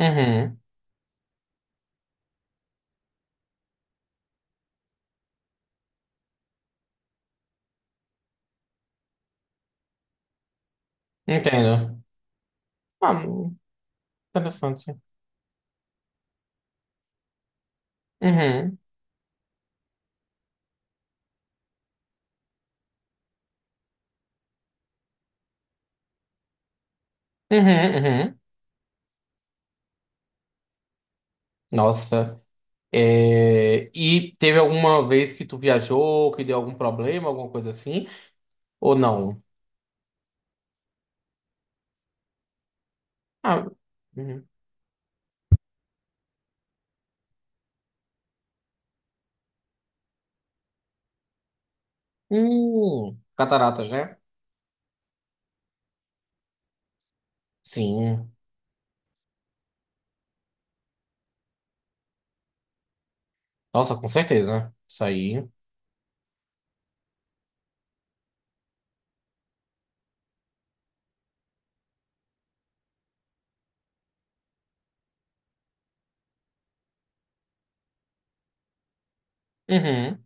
Uhum, entendo. Ah, interessante. Uhum, uhum, uhum. Nossa. E teve alguma vez que tu viajou, que deu algum problema, alguma coisa assim? Ou não? Ah, uhum. Cataratas, né? Sim. Nossa, com certeza. Isso aí. Uhum,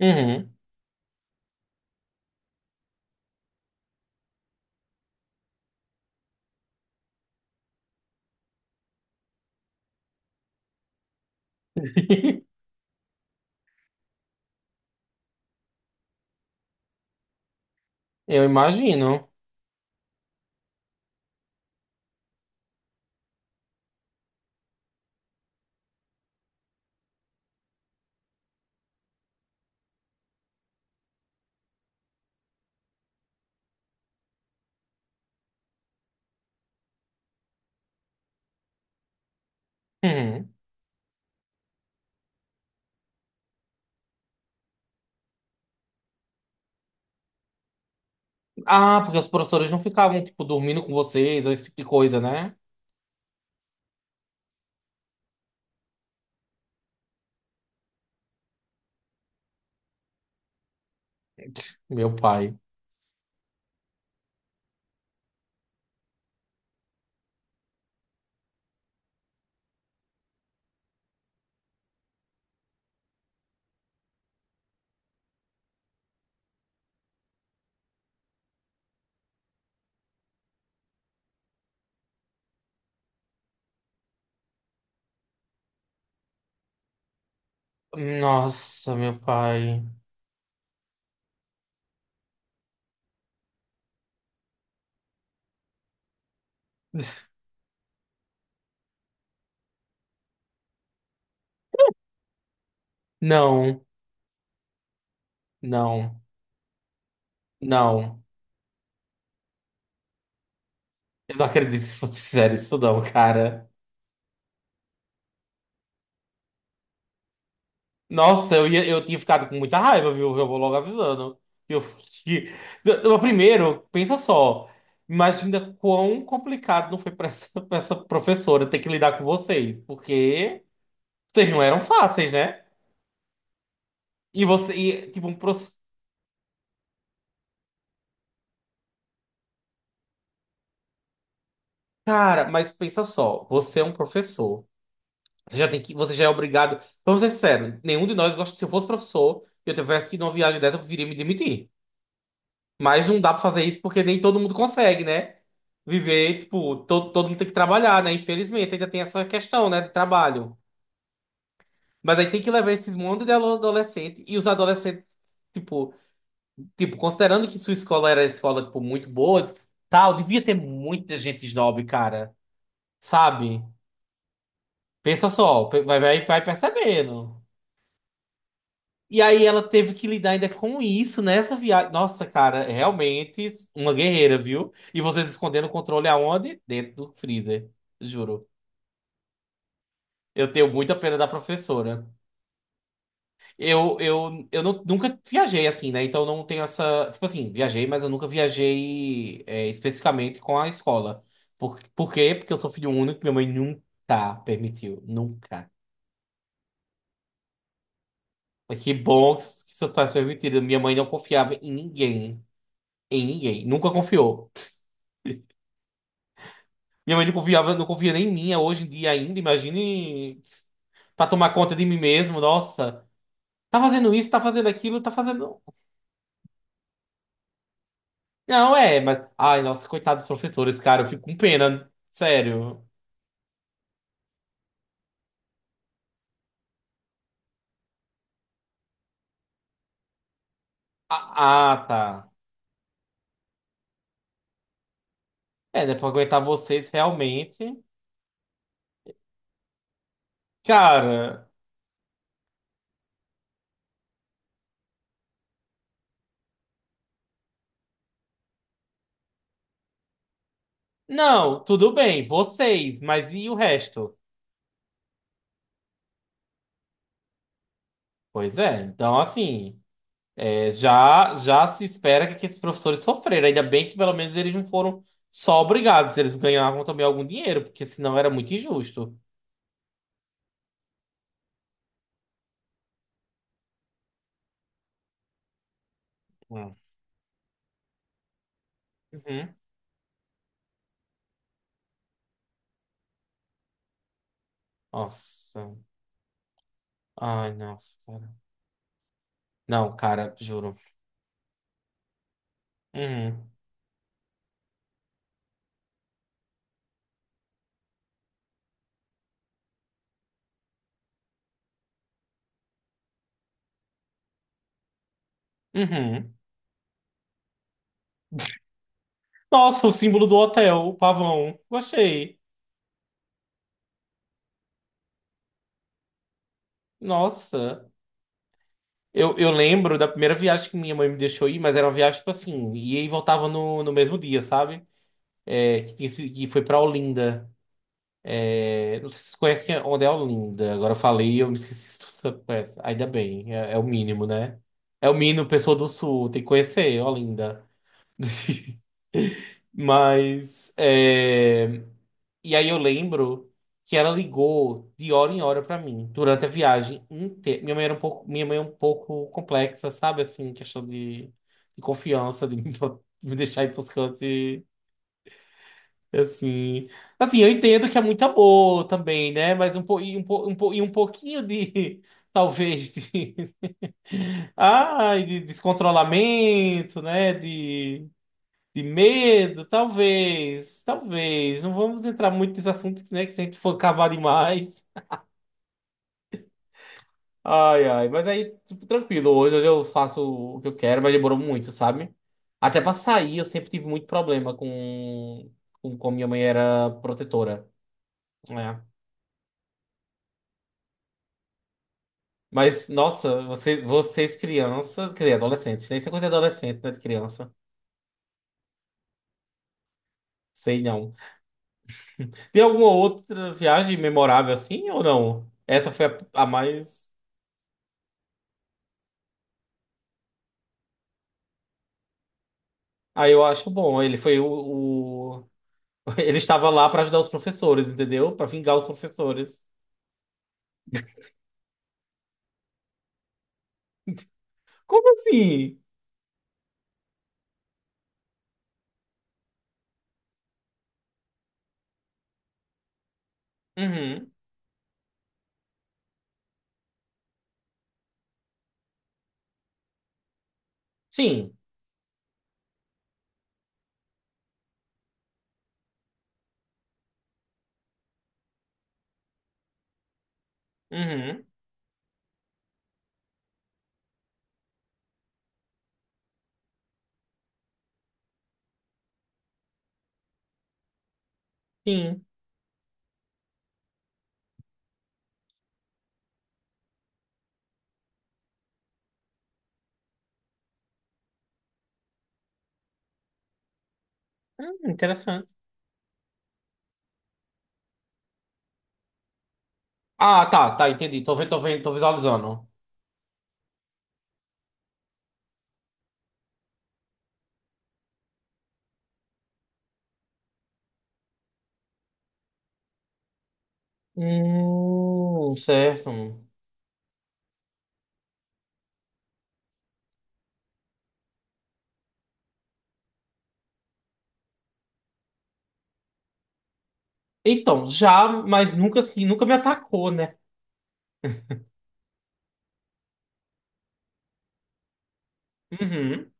uhum. Eu imagino. Uhum. Ah, porque os professores não ficavam, tipo, dormindo com vocês, ou esse tipo de coisa, né? Meu pai. Nossa, meu pai. Não, não, não. Eu não acredito se fosse sério isso não, cara. Nossa, eu ia, eu tinha ficado com muita raiva, viu? Eu vou logo avisando. Eu, que- Primeiro, pensa só. Imagina quão complicado não foi pra essa, pra essa professora ter que lidar com vocês, porque vocês não eram fáceis, né? E você, e, tipo, um professor. Cara, mas pensa só, você é um professor. Você já tem que, você já é obrigado. Vamos ser sinceros, nenhum de nós gosta. Se eu fosse professor e eu tivesse que ir numa viagem dessa, eu preferia me demitir. Mas não dá pra fazer isso porque nem todo mundo consegue, né? Viver, tipo, todo mundo tem que trabalhar, né? Infelizmente, ainda tem essa questão, né, de trabalho. Mas aí tem que levar esses monte de adolescente e os adolescentes, tipo, tipo, considerando que sua escola era escola, tipo, muito boa, tal, devia ter muita gente snob, cara. Sabe? Pensa só, vai, vai percebendo. E aí ela teve que lidar ainda com isso nessa viagem. Nossa, cara, é realmente uma guerreira, viu? E vocês escondendo o controle aonde? Dentro do freezer, juro. Eu tenho muita pena da professora. Nunca viajei assim, né? Então não tenho essa. Tipo assim, viajei, mas eu nunca viajei especificamente com a escola. Por quê? Porque eu sou filho único, minha mãe nunca permitiu. Nunca. Mas que bom que seus pais permitiram. Minha mãe não confiava em ninguém. Em ninguém. Nunca confiou. Minha mãe não confiava, não confia nem em mim é hoje em dia ainda, imagine pra tomar conta de mim mesmo, nossa. Tá fazendo isso, tá fazendo aquilo, tá fazendo. Não, é, mas. Ai, nossa, coitados dos professores, cara, eu fico com pena, sério. Ah, ah, tá. É, né, pra aguentar vocês realmente. Cara, não, tudo bem, vocês, mas e o resto? Pois é, então assim. É, já, já se espera que esses professores sofreram. Ainda bem que pelo menos eles não foram só obrigados, eles ganhavam também algum dinheiro, porque senão era muito injusto. Hum. Uhum. Nossa. Ai, nossa, cara. Não, cara, juro. Uhum. Uhum. Nossa, o símbolo do hotel, o pavão. Gostei. Nossa. Eu lembro da primeira viagem que minha mãe me deixou ir, mas era uma viagem, tipo assim, ia e voltava no, no mesmo dia, sabe? É, que, que foi pra Olinda. É, não sei se vocês conhecem é onde é Olinda. Agora eu falei, eu me esqueci se você conhece. Ainda bem, é, é o mínimo, né? É o mínimo, pessoa do Sul, tem que conhecer Olinda. Mas, é, e aí eu lembro que ela ligou de hora em hora pra mim, durante a viagem inteira. Minha mãe era um pouco, minha mãe é um pouco complexa, sabe? Assim, questão de confiança, de me, me deixar ir pros cantos. Assim, assim, eu entendo que é muito amor também, né? Mas e e um pouquinho de, talvez, de, ai, de descontrolamento, né? De medo, talvez, talvez. Não vamos entrar muito nesse assunto, né? Que se a gente for cavar demais. Ai, ai, mas aí, tipo, tranquilo, hoje, hoje eu faço o que eu quero, mas demorou muito, sabe? Até pra sair, eu sempre tive muito problema com como minha mãe era protetora. Né? Mas, nossa, vocês, vocês crianças, quer dizer, adolescentes, né? Isso é coisa de adolescente, né? De criança. Sei não. Tem alguma outra viagem memorável assim ou não? Essa foi a mais. Ah, eu acho bom. Ele foi o. Ele estava lá para ajudar os professores, entendeu? Para vingar os professores. Como assim? Uhum. Sim. Uhum. Sim. Interessante. Ah, tá, tá, entendi. Tô vendo, tô vendo, tô visualizando. Certo. Então, já, mas nunca assim, nunca me atacou, né? Uhum.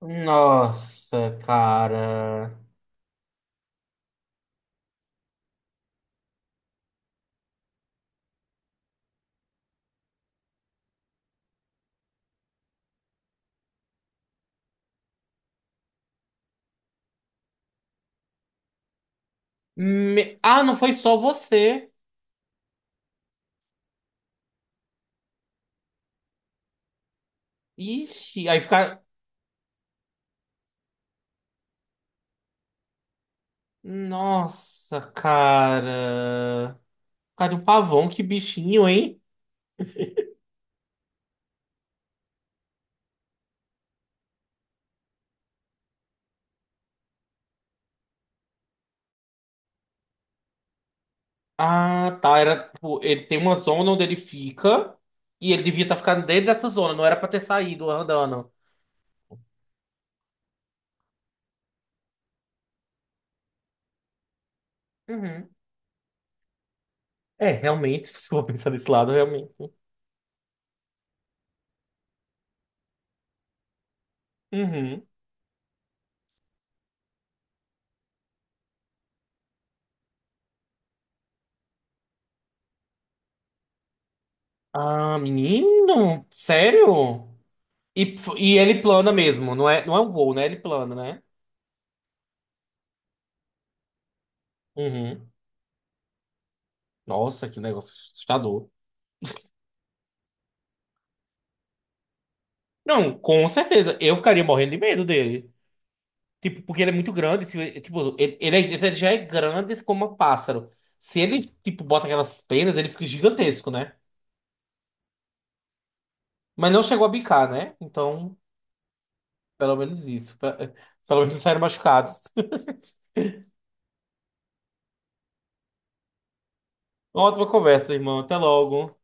Nossa, cara. Ah, não foi só você. Ixi, aí fica. Nossa, cara. Cara, um pavão, que bichinho, hein? Ah, tá. Era, tipo, ele tem uma zona onde ele fica. E ele devia estar ficando dentro dessa zona. Não era pra ter saído andando. Uhum. É, realmente, se for pensar desse lado, realmente. Uhum. Ah, menino? Sério? E ele plana mesmo, não é, não é um voo, né? Ele plana, né? Uhum. Nossa, que negócio assustador. Não, com certeza. Eu ficaria morrendo de medo dele. Tipo, porque ele é muito grande. Tipo, ele já é grande como um pássaro. Se ele, tipo, bota aquelas penas, ele fica gigantesco, né? Mas não chegou a bicar, né? Então, pelo menos isso. Pelo menos saíram machucados. Uma ótima conversa, irmão. Até logo.